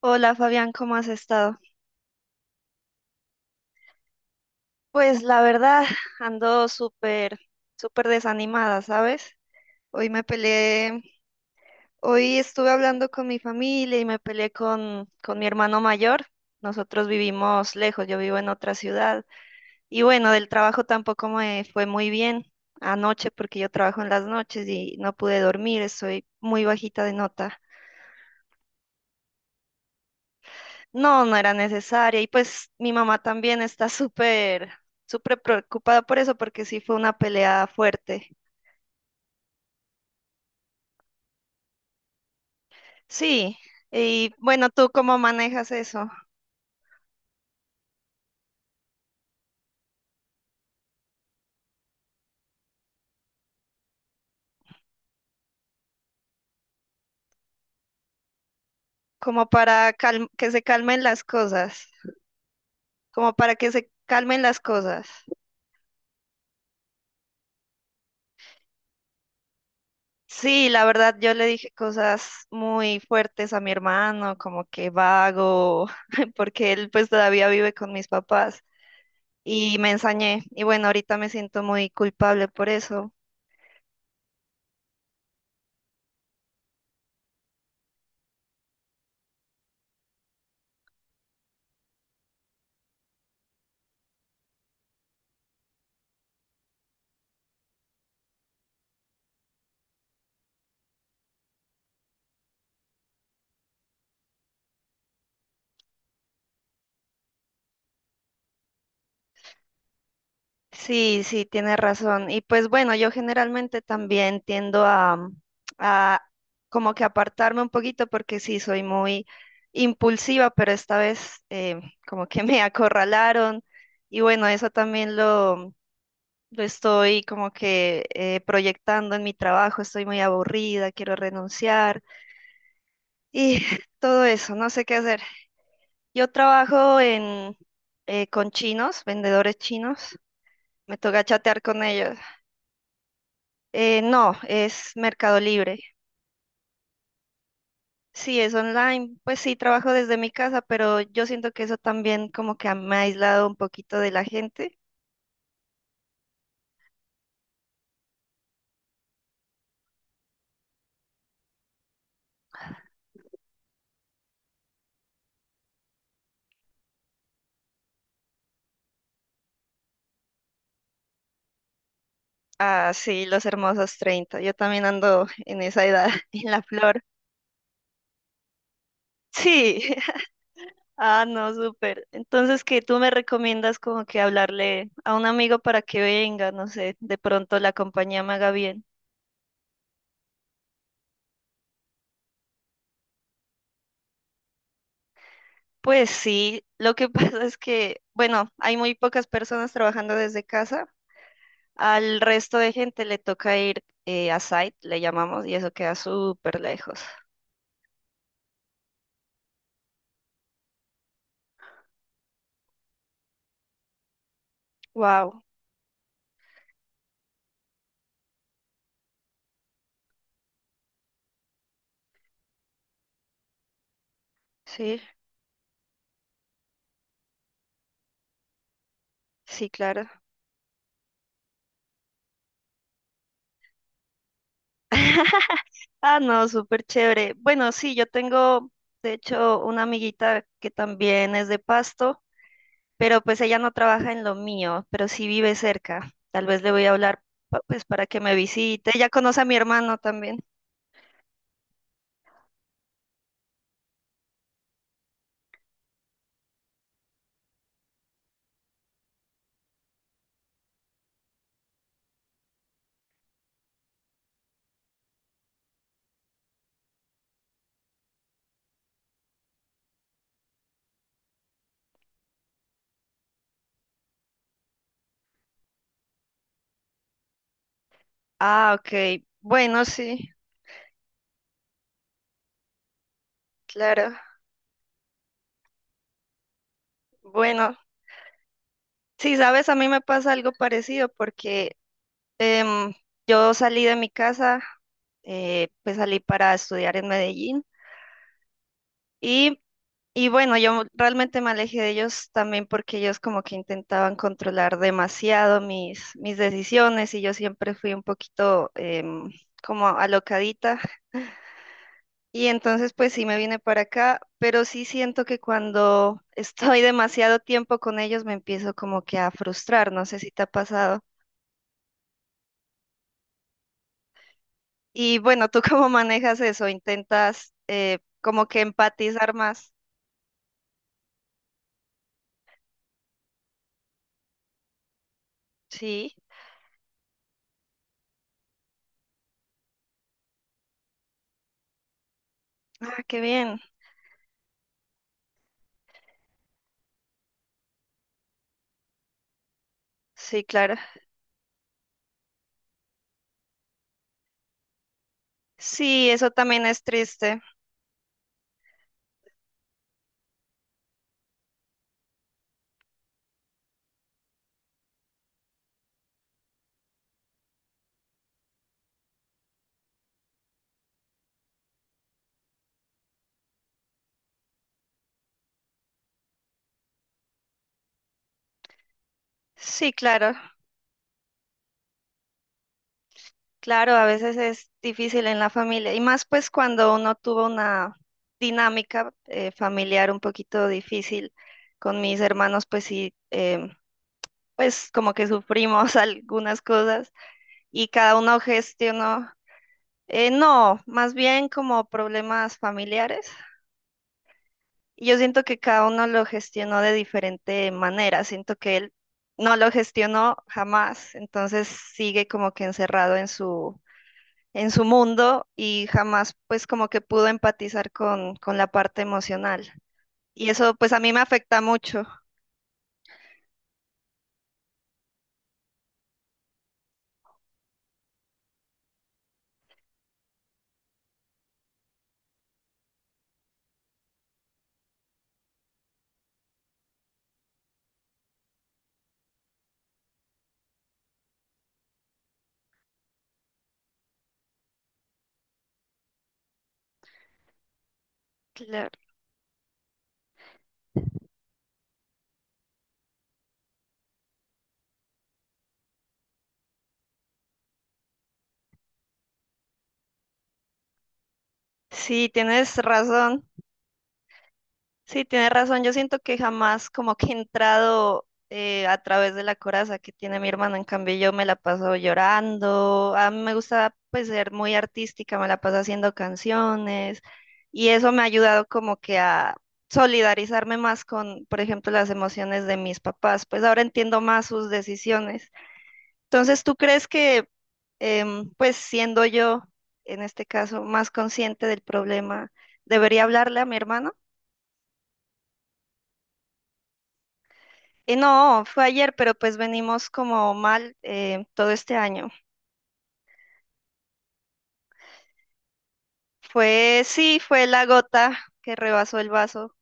Hola Fabián, ¿cómo has estado? Pues la verdad, ando súper, súper desanimada, ¿sabes? Hoy me peleé, hoy estuve hablando con mi familia y me peleé con mi hermano mayor. Nosotros vivimos lejos, yo vivo en otra ciudad. Y bueno, del trabajo tampoco me fue muy bien anoche porque yo trabajo en las noches y no pude dormir, estoy muy bajita de nota. No, no era necesaria. Y pues mi mamá también está súper, súper preocupada por eso, porque sí fue una pelea fuerte. Sí, y bueno, ¿tú cómo manejas eso? Como para que se calmen las cosas, como para que se calmen las cosas. Sí, la verdad, yo le dije cosas muy fuertes a mi hermano, como que vago, porque él pues todavía vive con mis papás y me ensañé. Y bueno, ahorita me siento muy culpable por eso. Sí, sí, tiene razón. Y pues bueno, yo generalmente también tiendo a como que apartarme un poquito porque sí, soy muy impulsiva, pero esta vez como que me acorralaron. Y bueno, eso también lo estoy como que proyectando en mi trabajo. Estoy muy aburrida, quiero renunciar y todo eso, no sé qué hacer. Yo trabajo en, con chinos, vendedores chinos. Me toca chatear con ellos. No, es Mercado Libre. Sí, es online. Pues sí, trabajo desde mi casa, pero yo siento que eso también como que me ha aislado un poquito de la gente. Ah, sí, los hermosos 30. Yo también ando en esa edad, en la flor. Sí. Ah, no, súper. Entonces, ¿qué tú me recomiendas como que hablarle a un amigo para que venga? No sé, de pronto la compañía me haga bien. Pues sí, lo que pasa es que, bueno, hay muy pocas personas trabajando desde casa. Al resto de gente le toca ir a site, le llamamos, y eso queda súper lejos. Wow, sí, sí, claro. Ah, no, súper chévere. De hecho, una amiguita que también es de Pasto, pero pues ella no trabaja en lo mío, pero sí vive cerca. Tal vez le voy a hablar, pues, para que me visite. Ella conoce a mi hermano también. Ah, ok. Bueno, sí, claro. Bueno, sí, sabes, a mí me pasa algo parecido porque Em, yo salí de mi casa, pues salí para estudiar en Medellín y, y bueno, yo realmente me alejé de ellos también porque ellos como que intentaban controlar demasiado mis decisiones y yo siempre fui un poquito como alocadita y entonces pues sí me vine para acá, pero sí siento que cuando estoy demasiado tiempo con ellos me empiezo como que a frustrar, no sé si te ha pasado. Y bueno, ¿tú cómo manejas eso? ¿Intentas como que empatizar más? Sí. Ah, qué bien. Sí, claro. Sí, eso también es triste. Sí, claro. Claro, a veces es difícil en la familia. Y más pues cuando uno tuvo una dinámica familiar un poquito difícil con mis hermanos, pues sí, pues como que sufrimos algunas cosas y cada uno gestionó, no, más bien como problemas familiares. Y yo siento que cada uno lo gestionó de diferente manera, siento que él no lo gestionó jamás, entonces sigue como que encerrado en su mundo y jamás pues como que pudo empatizar con la parte emocional. Y eso pues a mí me afecta mucho. Claro. Sí, tienes razón. Sí, tienes razón. Yo siento que jamás como que he entrado a través de la coraza que tiene mi hermana. En cambio, yo me la paso llorando. A mí me gusta pues ser muy artística, me la paso haciendo canciones y eso me ha ayudado como que a solidarizarme más con, por ejemplo, las emociones de mis papás. Pues ahora entiendo más sus decisiones. Entonces, ¿tú crees que pues siendo yo, en este caso, más consciente del problema, debería hablarle a mi hermano? No, fue ayer, pero pues venimos como mal todo este año. Fue, sí, fue la gota que rebasó el vaso,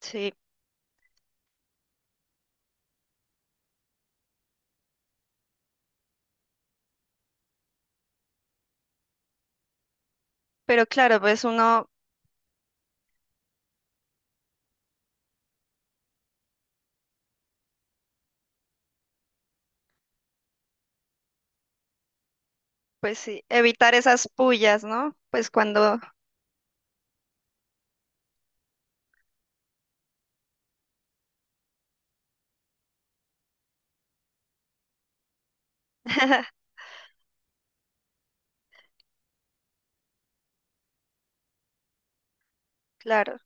sí. Pero claro, pues uno, pues sí, evitar esas pullas, ¿no? Pues cuando, claro,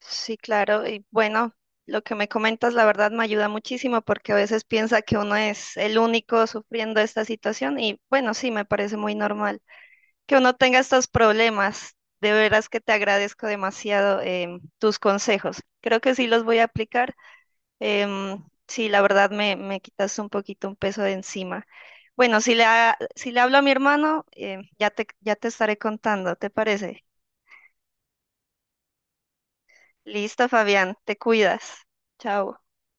sí, claro. Y bueno, lo que me comentas, la verdad, me ayuda muchísimo porque a veces piensa que uno es el único sufriendo esta situación y bueno, sí, me parece muy normal que uno tenga estos problemas. De veras que te agradezco demasiado tus consejos. Creo que sí los voy a aplicar. Sí, la verdad me quitas un poquito un peso de encima. Bueno, si si le hablo a mi hermano, ya te estaré contando, ¿te parece? Listo, Fabián, te cuidas. Chao.